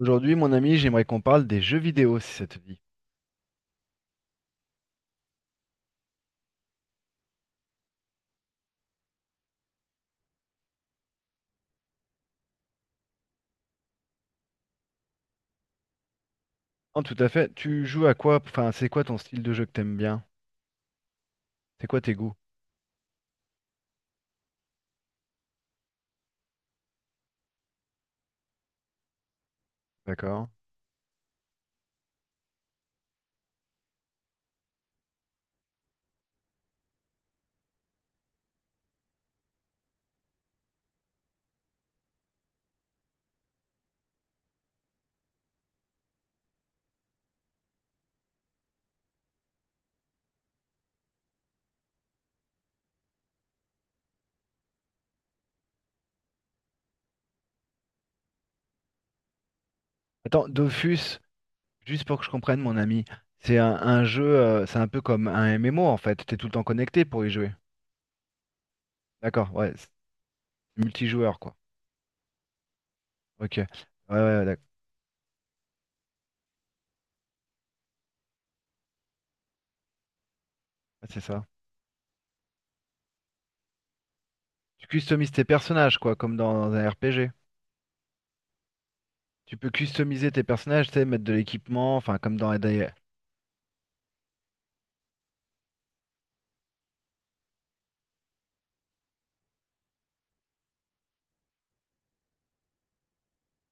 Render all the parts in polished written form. Aujourd'hui, mon ami, j'aimerais qu'on parle des jeux vidéo, si ça te dit. Oh, tout à fait. Tu joues à quoi? Enfin, c'est quoi ton style de jeu que t'aimes bien? C'est quoi tes goûts? D'accord. Attends, Dofus, juste pour que je comprenne, mon ami, c'est un jeu, c'est un peu comme un MMO en fait. T'es tout le temps connecté pour y jouer. D'accord, ouais, c'est multijoueur quoi. Ok. Ouais, ouais, d'accord. Ouais, c'est ça. Tu customises tes personnages quoi, comme dans, un RPG. Tu peux customiser tes personnages, tu sais, mettre de l'équipement, enfin,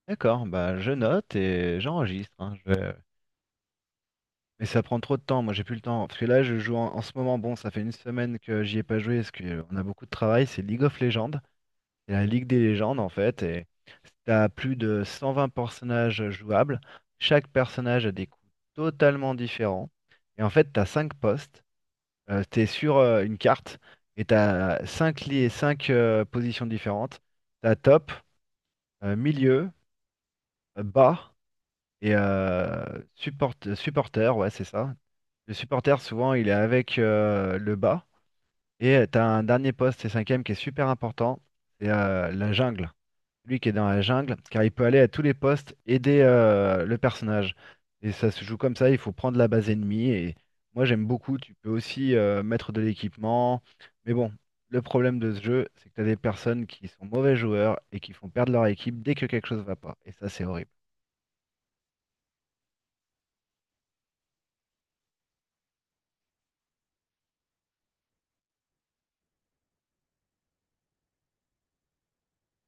D'accord, bah je note et j'enregistre, hein. Mais ça prend trop de temps, moi j'ai plus le temps. Parce que là, je joue en ce moment, bon, ça fait une semaine que j'y ai pas joué parce qu'on a beaucoup de travail, c'est League of Legends. C'est la Ligue des légendes en fait, et t'as plus de 120 personnages jouables. Chaque personnage a des coups totalement différents. Et en fait, t'as cinq postes, t'es sur une carte, et t'as 5 lits 5 positions différentes. T'as top, milieu, bas, et supporter, ouais c'est ça. Le supporter, souvent, il est avec le bas. Et tu as un dernier poste, c'est cinquième, qui est super important. C'est la jungle. Lui qui est dans la jungle, car il peut aller à tous les postes, aider le personnage. Et ça se joue comme ça, il faut prendre la base ennemie. Et moi, j'aime beaucoup. Tu peux aussi mettre de l'équipement. Mais bon, le problème de ce jeu, c'est que tu as des personnes qui sont mauvais joueurs et qui font perdre leur équipe dès que quelque chose va pas. Et ça, c'est horrible.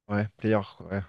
Ouais, player, ouais.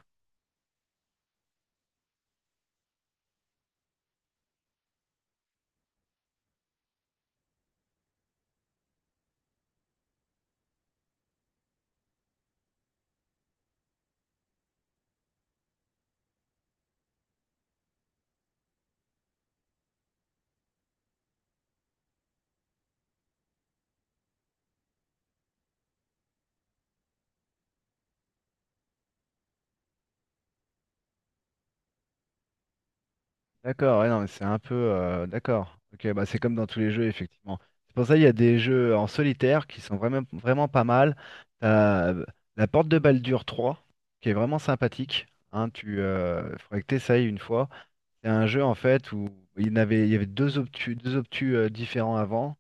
D'accord, ouais, non, mais c'est un peu. D'accord. Ok, bah c'est comme dans tous les jeux, effectivement. C'est pour ça qu'il y a des jeux en solitaire qui sont vraiment, vraiment pas mal. T'as la porte de Baldur 3, qui est vraiment sympathique. Hein, faudrait que t'essayes une fois. C'est un jeu, en fait, où il y avait deux obtus différents avant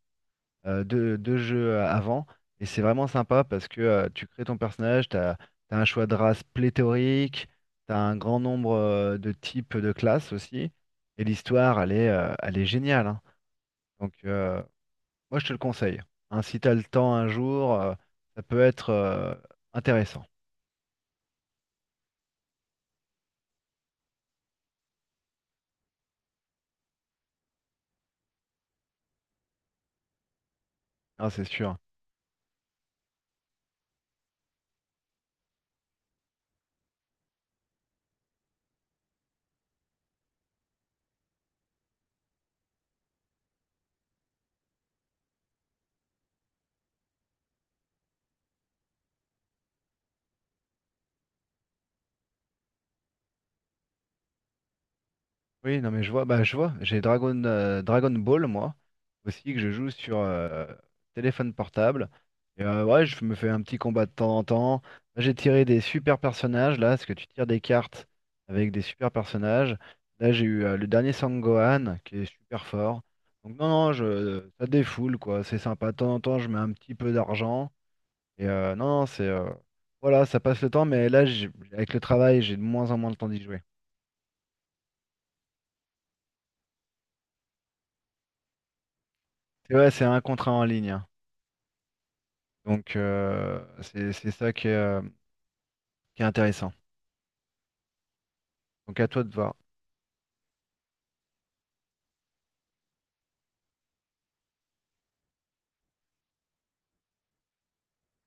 deux jeux avant. Et c'est vraiment sympa parce que tu crées ton personnage, tu as un choix de race pléthorique, tu as un grand nombre de types de classes aussi. Et l'histoire, elle est géniale, hein. Donc, moi, je te le conseille, hein. Si tu as le temps un jour, ça peut être intéressant. Ah, c'est sûr, hein. Oui, non mais je vois, bah je vois, j'ai Dragon Ball moi aussi que je joue sur téléphone portable. Et ouais, je me fais un petit combat de temps en temps. Là, j'ai tiré des super personnages là, parce que tu tires des cartes avec des super personnages. Là j'ai eu le dernier Sangohan qui est super fort. Donc non non, je, ça défoule quoi, c'est sympa. De temps en temps je mets un petit peu d'argent et non non, c'est voilà ça passe le temps, mais avec le travail j'ai de moins en moins le temps d'y jouer. C'est ouais, c'est un contrat en ligne, hein. Donc, c'est ça qui est intéressant. Donc, à toi de voir.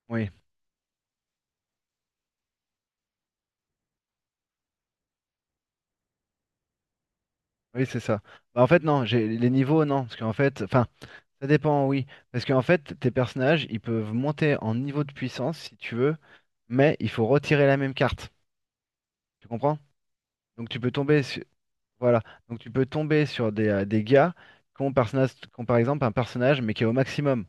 Oui, oui, c'est ça. Bah, en fait, non, j'ai les niveaux, non. Parce qu'en fait, enfin, ça dépend, oui. Parce qu'en fait, tes personnages, ils peuvent monter en niveau de puissance si tu veux, mais il faut retirer la même carte. Tu comprends? Donc, tu peux tomber, su- Voilà, donc tu peux tomber sur des gars qui ont par exemple un personnage mais qui est au maximum.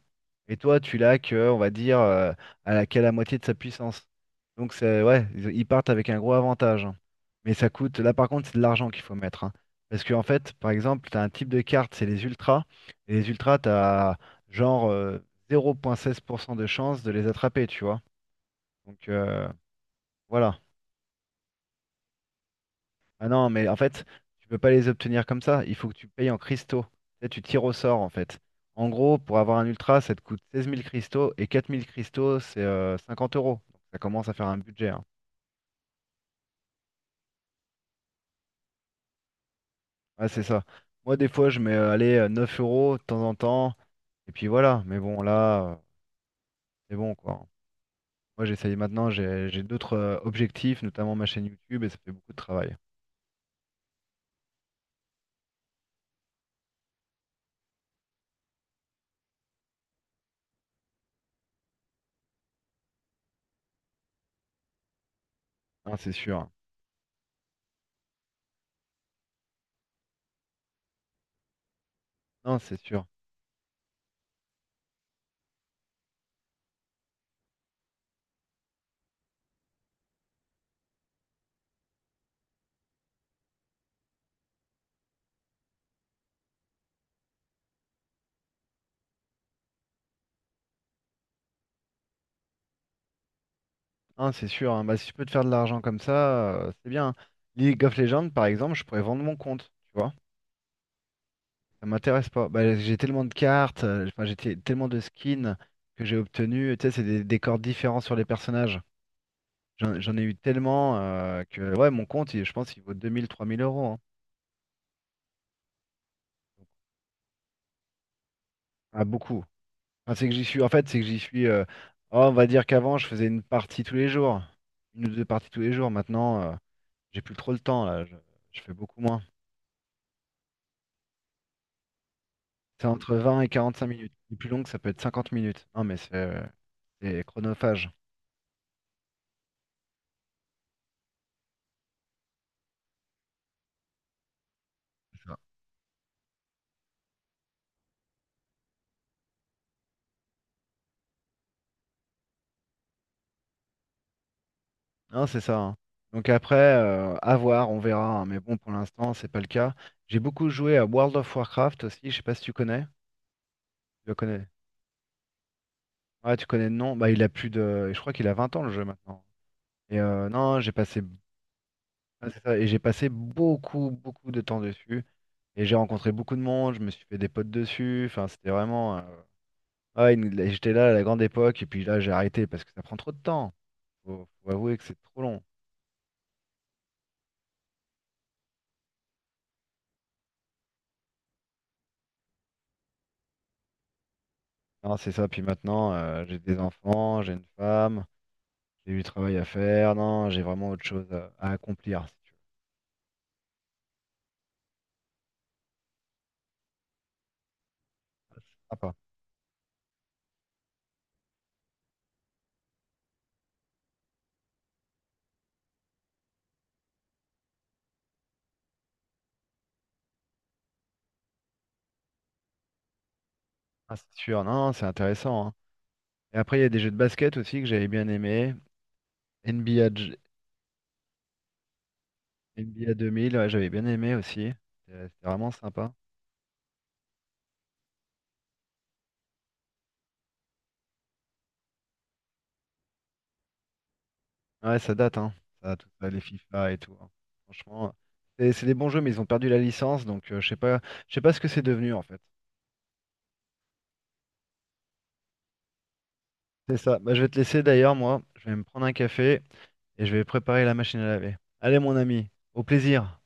Et toi, tu l'as que, on va dire, à la, qu'à la moitié de sa puissance. Donc c'est ouais, ils partent avec un gros avantage, hein. Mais ça coûte, là par contre, c'est de l'argent qu'il faut mettre, hein. Parce qu'en fait, par exemple, tu as un type de carte, c'est les ultras. Et les ultras, tu as genre 0,16% de chance de les attraper, tu vois. Donc voilà. Ah non, mais en fait, tu peux pas les obtenir comme ça. Il faut que tu payes en cristaux. Tu sais, tu tires au sort, en fait. En gros, pour avoir un ultra, ça te coûte 16 000 cristaux et 4 000 cristaux, c'est 50 euros. Donc, ça commence à faire un budget, hein. Ouais, c'est ça. Moi, des fois, je mets allez, 9 euros de temps en temps. Et puis voilà. Mais bon, là, c'est bon, quoi. Moi, j'essaye maintenant. J'ai d'autres objectifs, notamment ma chaîne YouTube, et ça fait beaucoup de travail. Non, c'est sûr, hein. Non, c'est sûr. Hein, c'est sûr, hein. Bah, si je peux te faire de l'argent comme ça, c'est bien, hein. League of Legends, par exemple, je pourrais vendre mon compte, tu vois. Ça m'intéresse pas. Bah, j'ai tellement de cartes, enfin, tellement de skins que j'ai obtenus. Tu sais, c'est des décors différents sur les personnages. J'en ai eu tellement que, ouais, je pense qu'il vaut 2 000 3 000 euros, hein. Ah, beaucoup. Enfin, c'est que j'y suis. Oh, on va dire qu'avant, je faisais une partie tous les jours. Une ou deux parties tous les jours. Maintenant, j'ai plus trop le temps, là. Je fais beaucoup moins. C'est entre 20 et 45 minutes. Les plus longues, ça peut être 50 minutes. Non, mais c'est chronophage. C'est ça. Non, c'est ça, hein. Donc après, à voir, on verra, hein. Mais bon, pour l'instant, c'est pas le cas. J'ai beaucoup joué à World of Warcraft aussi. Je sais pas si tu connais. Tu le connais. Ouais, tu connais le nom. Bah, il a plus de. Je crois qu'il a 20 ans le jeu maintenant. Et non, j'ai passé. Ouais, c'est ça. Et j'ai passé beaucoup, beaucoup de temps dessus. Et j'ai rencontré beaucoup de monde. Je me suis fait des potes dessus. Enfin, c'était vraiment. Ouais, j'étais là à la grande époque. Et puis là, j'ai arrêté parce que ça prend trop de temps. Faut avouer que c'est trop long. Non, c'est ça. Puis maintenant, j'ai des enfants, j'ai une femme, j'ai du travail à faire. Non, j'ai vraiment autre chose à accomplir, si tu veux. Sympa. Ah, c'est sûr. Non, non, c'est intéressant, hein. Et après, il y a des jeux de basket aussi que j'avais bien aimé. NBA, J- NBA 2000, ouais, j'avais bien aimé aussi. C'était vraiment sympa. Ouais, ça date, hein. Ça, tout ça, les FIFA et tout, hein. Franchement, c'est des bons jeux, mais ils ont perdu la licence, donc je sais pas ce que c'est devenu en fait. C'est ça. Bah, je vais te laisser d'ailleurs, moi. Je vais me prendre un café et je vais préparer la machine à laver. Allez, mon ami, au plaisir.